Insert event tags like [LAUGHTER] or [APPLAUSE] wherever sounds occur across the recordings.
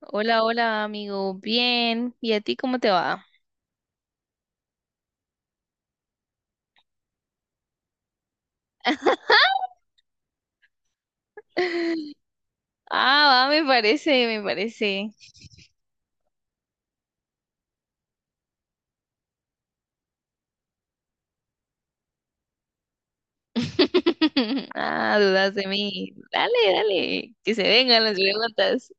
Hola, hola, amigo. Bien. ¿Y a ti cómo te va? [LAUGHS] Ah, va, me parece, me parece. [LAUGHS] Ah, dudas de mí. Dale, dale, que se vengan las preguntas.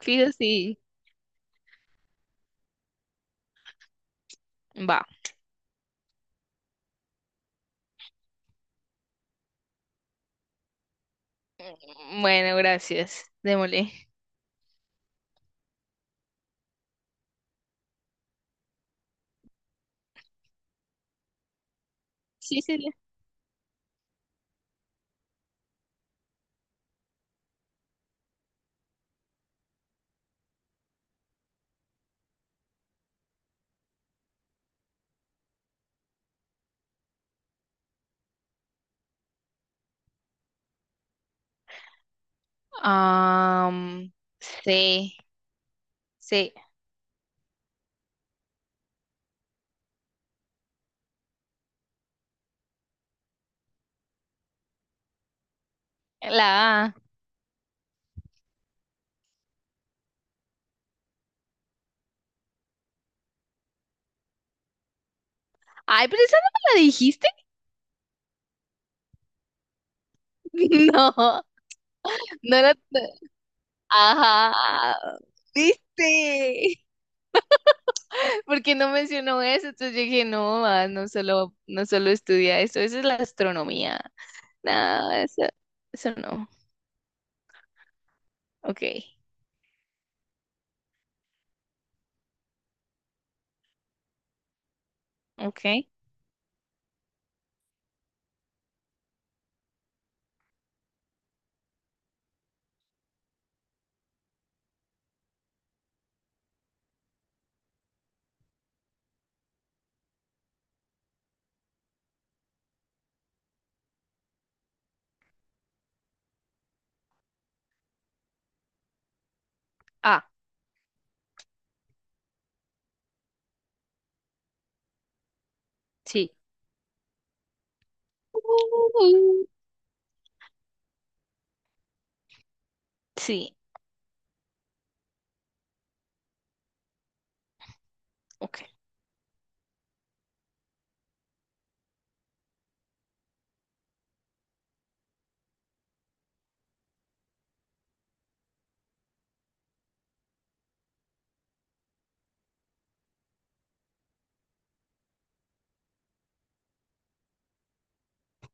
Fijo, sí. Va. Bueno, gracias. Démosle. Sí, sí, sí. Am, sí, sí. La A. Ay, pero esa no me la dijiste. [LAUGHS] No, no la, no. Ajá. ¿Viste? Porque no mencionó eso, entonces yo dije, no, ah, no solo, no solo estudia eso, eso es la astronomía. No, eso no. Ok. Ok. Ah, sí. Uh, sí, ok.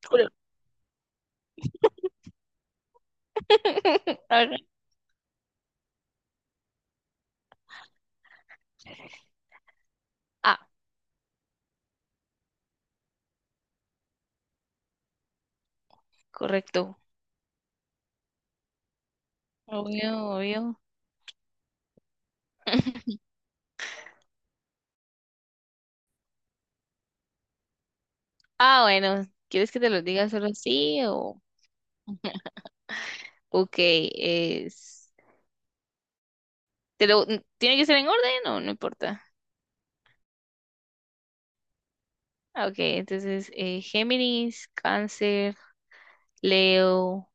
Cool. [LAUGHS] Ahora, ah, correcto. Obvio, obvio. [LAUGHS] Ah, bueno, ¿quieres que te lo diga solo así o...? Ok, es... ¿Te lo... n- ¿Tiene que ser en orden o no importa? Ah, ok, entonces Géminis, Cáncer, Leo,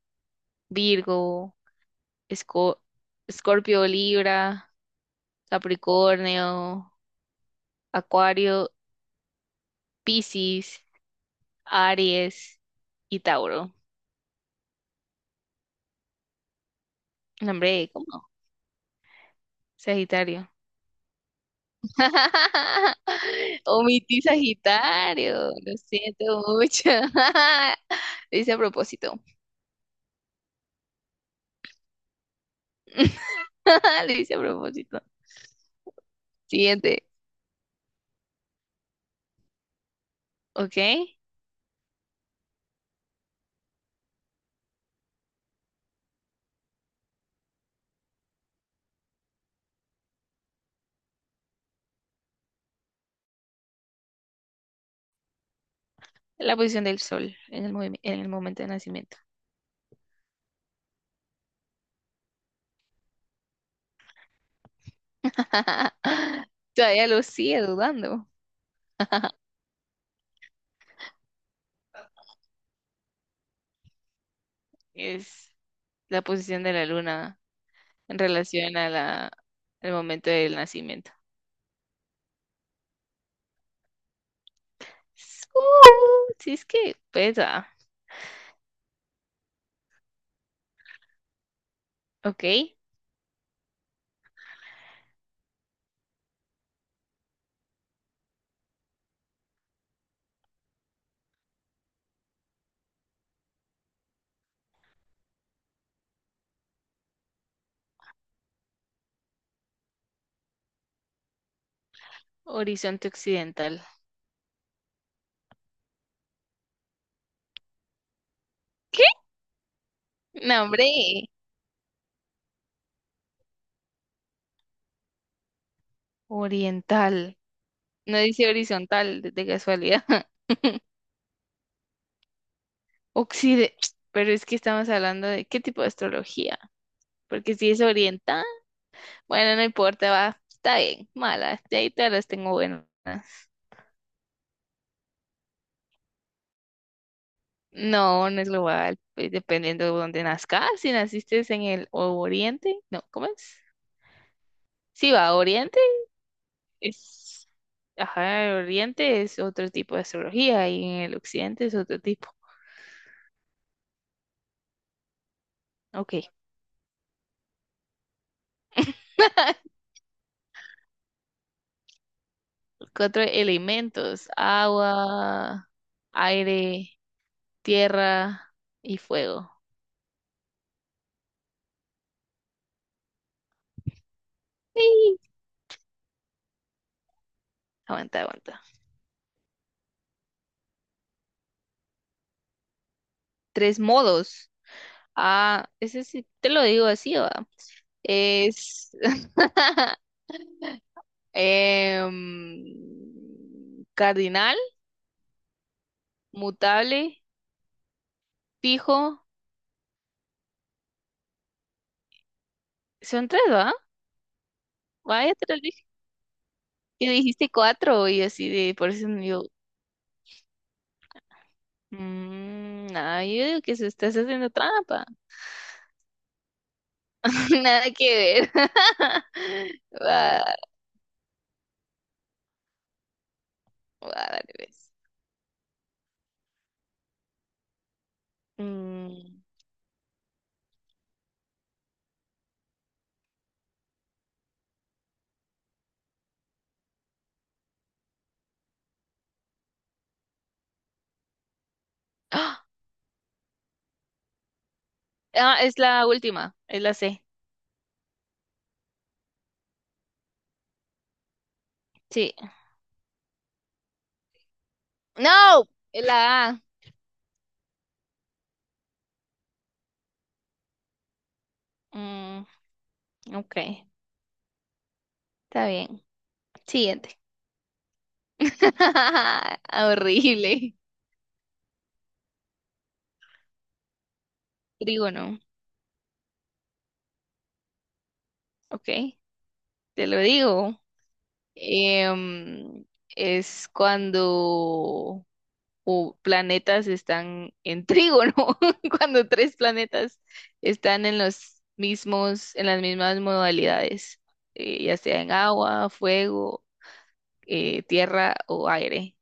Virgo, Esco- Escorpio, Libra, Capricornio, Acuario, Piscis, Aries y Tauro. Nombre, ¿cómo? Sagitario. [LAUGHS] Omití Sagitario, lo siento mucho. [LAUGHS] Lo hice a propósito. [LAUGHS] Lo hice a propósito. Siguiente, ¿ok? La posición del sol en el, movim- en el momento de nacimiento. [LAUGHS] Todavía lo sigue dudando. Es la posición de la luna en relación a la, el momento del nacimiento. Si es que pesa. Ok, horizonte occidental. ¿Qué? No, hombre, oriental. No dice horizontal de casualidad. [LAUGHS] Occide. Pero es que estamos hablando de qué tipo de astrología. Porque si es oriental, bueno, no importa, va. Está bien, malas. De ahí todas las tengo buenas. No, no es global, pues, dependiendo de dónde nazcas. Si naciste en el o- Oriente, no, ¿cómo es? Sí, va, Oriente es, ajá, el Oriente es otro tipo de astrología y en el Occidente es otro tipo. Ok. [LAUGHS] Cuatro elementos: agua, aire, tierra y fuego. Sí. Aguanta, aguanta. Tres modos. Ah, ese sí, te lo digo así, va. Es [LAUGHS] cardinal, mutable, fijo. Son tres, ¿va? Ah, ya te lo dije. Y dijiste cuatro y así de, por eso yo, no, yo digo que se estás haciendo trampa. [LAUGHS] Nada que ver. [LAUGHS] Va, va, dale, ves. Mm. [GASPS] ¡Ah! Ah, es la última, es la C. Sí. No, es la A. Mm, ok, está bien. Siguiente. [LAUGHS] Horrible. Trígono. Ok, te lo digo. Em, es cuando u- planetas están en trígono, [LAUGHS] cuando tres planetas están en los mismos, en las mismas modalidades, ya sea en agua, fuego, tierra o aire.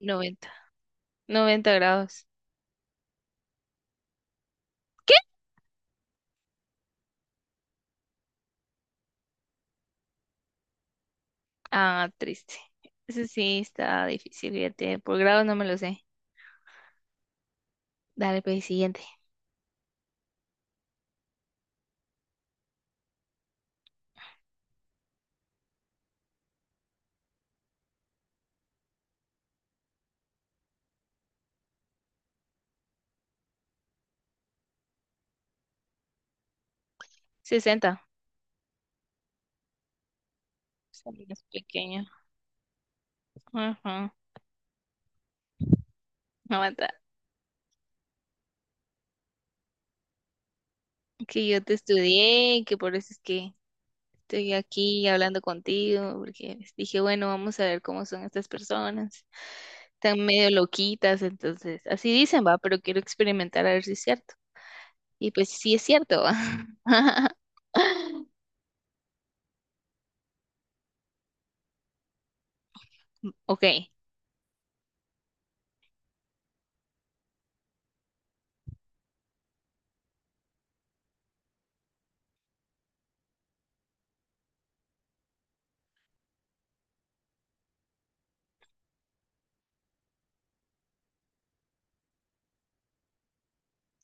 90, 90 grados. ¿Qué? Ah, triste. Eso sí está difícil, fíjate. Por grados no me lo sé. Dale, pues, siguiente. 60. Está más pequeño. Ajá. Aguanta, que yo te estudié, que por eso es que estoy aquí hablando contigo, porque dije, bueno, vamos a ver cómo son estas personas. Están medio loquitas, entonces, así dicen, va, pero quiero experimentar a ver si es cierto. Y pues sí es cierto, va. [LAUGHS] Ok,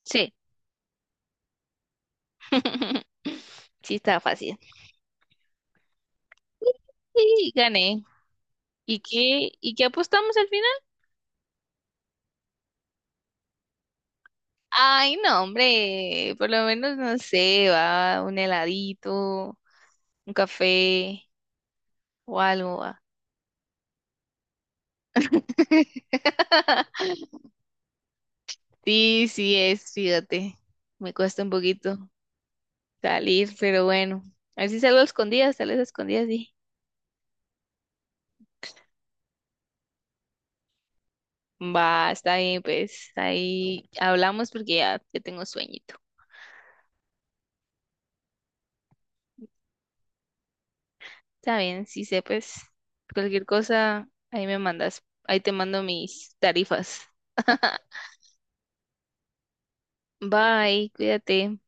sí. [LAUGHS] Sí está fácil. Y gané. Y qué apostamos al final? Ay, no, hombre, por lo menos no sé, va, un heladito, un café. O algo. Ah. [LAUGHS] Sí, sí es, fíjate. Me cuesta un poquito salir, pero bueno. A ver si salgo a escondidas, tal vez a escondidas, sí. Va, está bien, pues. Ahí hablamos porque ya, ya tengo sueñito. Está bien, sí sé, pues. Cualquier cosa, ahí me mandas. Ahí te mando mis tarifas. Bye, cuídate.